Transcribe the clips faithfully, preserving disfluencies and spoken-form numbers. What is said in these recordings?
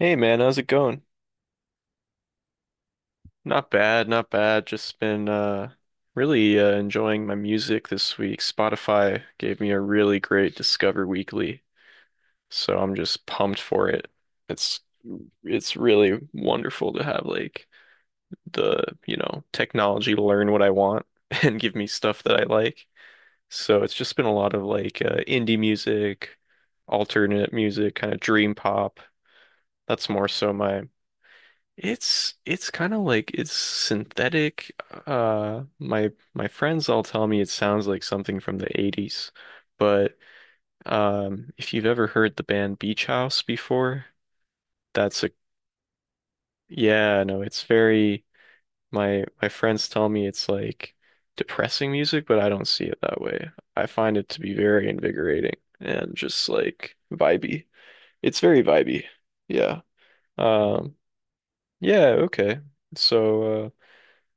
Hey man, how's it going? Not bad, not bad. Just been uh really uh, enjoying my music this week. Spotify gave me a really great Discover Weekly, so I'm just pumped for it. It's it's really wonderful to have like the, you know, technology to learn what I want and give me stuff that I like. So it's just been a lot of like uh, indie music, alternate music, kind of dream pop. That's more so my. It's it's kind of like it's synthetic. Uh, my my friends all tell me it sounds like something from the eighties, but um, if you've ever heard the band Beach House before, that's a yeah, no, it's very my my friends tell me it's like depressing music, but I don't see it that way. I find it to be very invigorating and just like vibey. It's very vibey. Yeah. Um, yeah, okay. So uh,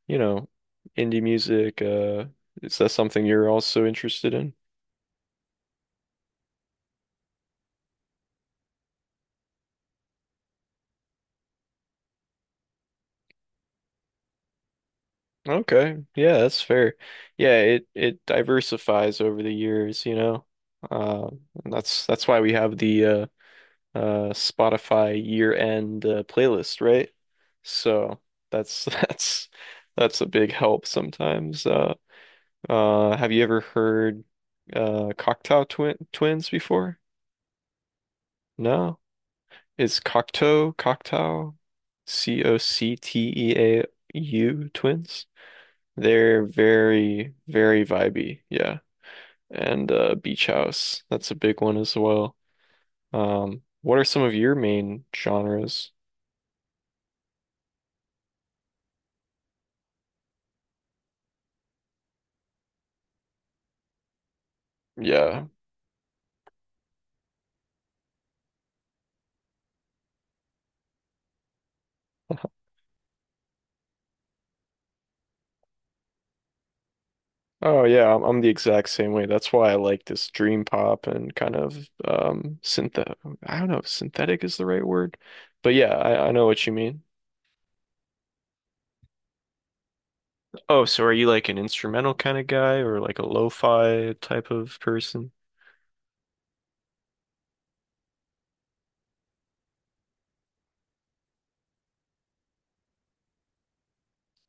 you know, indie music. Uh, is that something you're also interested in? Okay, yeah, that's fair. Yeah, it it diversifies over the years, you know. Uh, and that's that's why we have the uh, uh, Spotify year-end uh, playlist, right? So that's that's that's a big help sometimes. Uh, uh, have you ever heard uh, Cocktail Twin Twins before? No. Is Cocteau, Cocteau, C O C T E A U twins? They're very, very vibey, yeah. And uh, Beach House, that's a big one as well. Um, what are some of your main genres? Yeah. Oh yeah, I'm, I'm the exact same way. That's why I like this dream pop and kind of um synth I don't know if synthetic is the right word, but yeah, I, I know what you mean. Oh, so are you like an instrumental kind of guy or like a lo-fi type of person?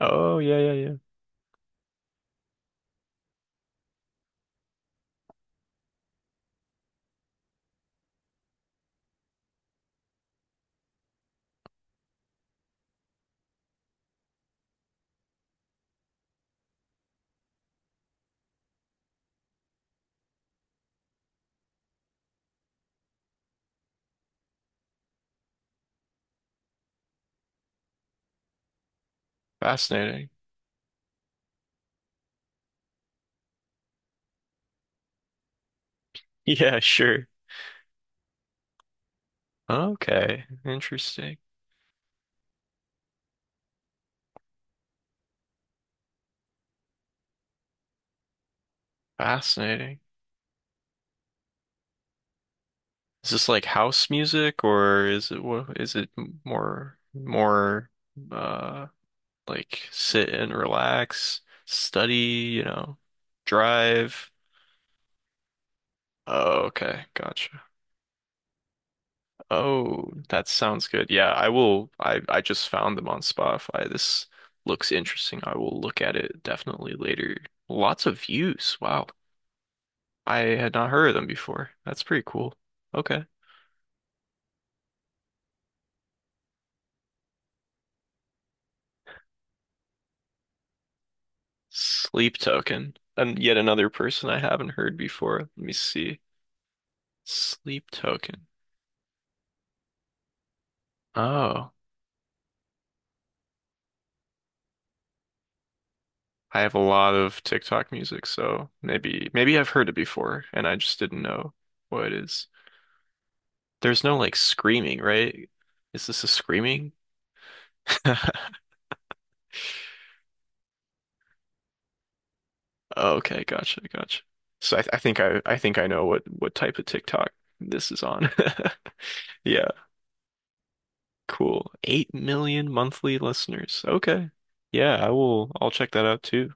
Oh, yeah, yeah, yeah. Fascinating. Yeah, sure. Okay. Interesting. Fascinating. Is this like house music or is it wha- is it m- more more uh like sit and relax, study, you know, drive? Oh, okay. Gotcha. Oh, that sounds good. Yeah, I will. I I just found them on Spotify. This looks interesting. I will look at it definitely later. Lots of views. Wow. I had not heard of them before. That's pretty cool. Okay. Sleep Token. And yet another person I haven't heard before. Let me see. Sleep Token. Oh, I have a lot of TikTok music, so maybe maybe I've heard it before and I just didn't know what it is. There's no like screaming, right? Is this a screaming? Okay, gotcha, gotcha. So I, I think I I think I know what what type of TikTok this is on. Yeah, cool. Eight million monthly listeners. Okay. Yeah, I will I'll check that out too.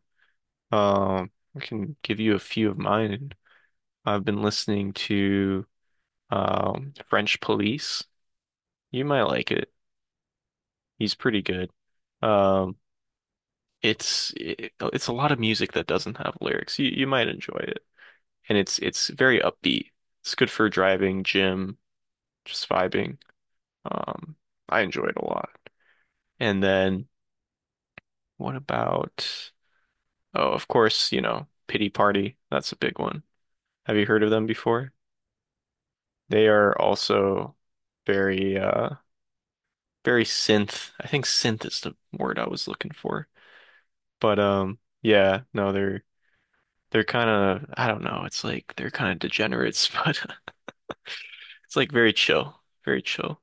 Um, I can give you a few of mine. I've been listening to um French Police. You might like it. He's pretty good. Um, it's it, it's a lot of music that doesn't have lyrics. You you might enjoy it. And it's it's very upbeat. It's good for driving, gym, just vibing. Um, I enjoy it a lot. And then what about, oh, of course, you know, Pity Party. That's a big one. Have you heard of them before? They are also very uh very synth. I think synth is the word I was looking for. But um yeah, no, they're they're kind of I don't know, it's like they're kind of degenerates, but it's like very chill, very chill.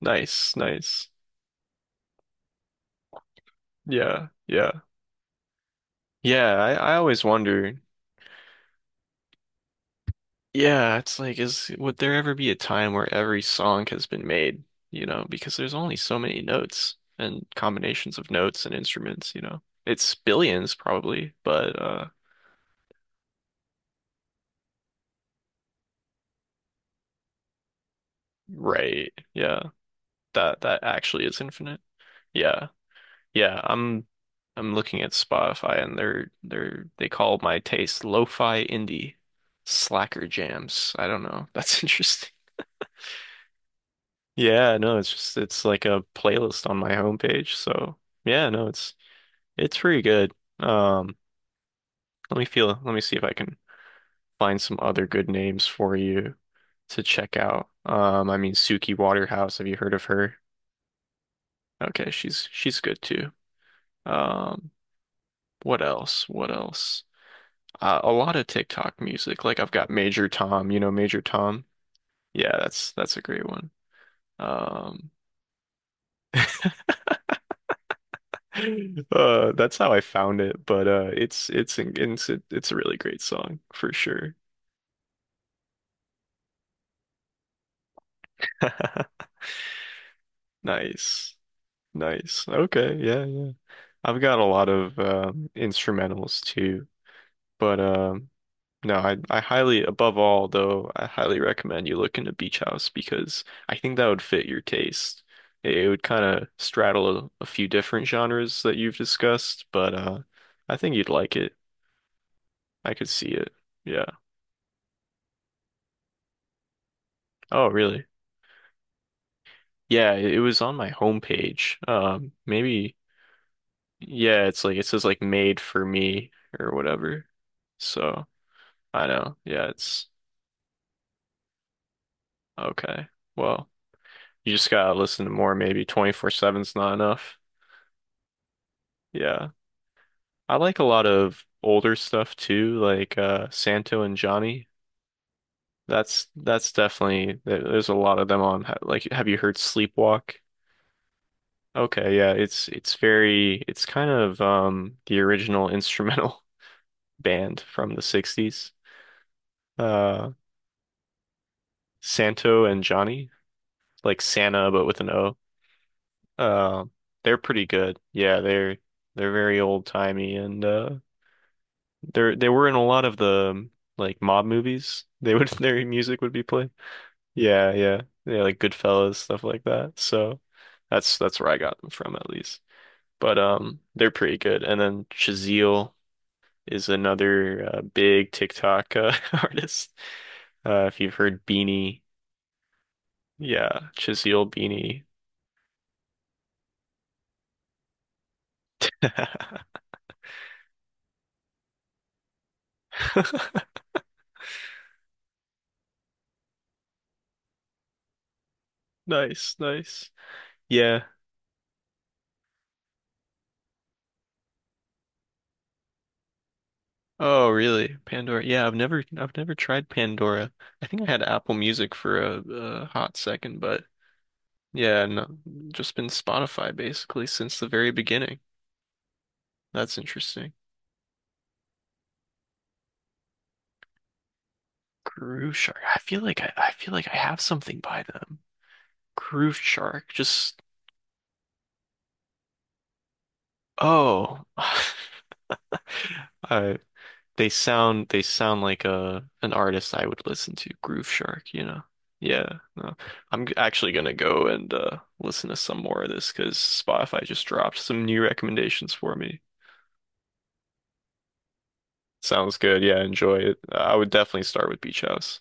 Nice, nice. Yeah, yeah. Yeah, I, I always wonder. Yeah, it's like, is would there ever be a time where every song has been made, you know, because there's only so many notes and combinations of notes and instruments, you know. It's billions probably, but uh right. Yeah. That that actually is infinite. Yeah. Yeah, I'm I'm looking at Spotify and they're they're they call my taste lo-fi indie slacker jams. I don't know. That's interesting. Yeah, no, it's just it's like a playlist on my homepage. So yeah, no, it's it's pretty good. Um, let me feel, let me see if I can find some other good names for you to check out. Um, I mean Suki Waterhouse, have you heard of her? Okay, she's she's good too. Um, what else? What else? Uh, a lot of TikTok music. Like I've got Major Tom, you know Major Tom? Yeah, that's that's a great one. Um Uh, that's how I found it, but uh, it's it's it's it's a really great song for sure. Nice, nice. Okay, yeah, yeah. I've got a lot of um, instrumentals too, but um, no, I I highly, above all though, I highly recommend you look into Beach House because I think that would fit your taste. It, it would kind of straddle a, a few different genres that you've discussed, but uh, I think you'd like it. I could see it. Yeah. Oh, really? Yeah, it was on my homepage. Um, maybe yeah, it's like it says like made for me or whatever. So I know. Yeah, it's okay. Well, you just gotta listen to more. Maybe twenty-four seven's not enough. Yeah, I like a lot of older stuff too, like uh Santo and Johnny. That's that's definitely there- there's a lot of them on. Ha- Like, have you heard Sleepwalk? Okay, yeah, it's it's very it's kind of um the original instrumental band from the sixties. Uh, Santo and Johnny, like Santa but with an O. Uh, they're pretty good. Yeah, they're they're very old-timey and uh they're they were in a lot of the um, like mob movies. They would their music would be played. Yeah, yeah. Yeah, like Goodfellas, stuff like that. So that's that's where I got them from at least. But um they're pretty good. And then Chazelle is another uh, big TikTok uh, artist. Uh, if you've heard Beanie Yeah, Chisiel beanie. Nice, nice. Yeah. Oh, really? Pandora. Yeah, I've never I've never tried Pandora. I think I had Apple Music for a, a hot second, but yeah, no, just been Spotify basically since the very beginning. That's interesting. Groove Shark. I feel like I, I feel like I have something by them. Groove Shark. Just oh. I They sound they sound like a an artist I would listen to, Groove Shark, you know. Yeah, no. I'm g- actually gonna go and uh listen to some more of this because Spotify just dropped some new recommendations for me. Sounds good. Yeah, enjoy it. I would definitely start with Beach House.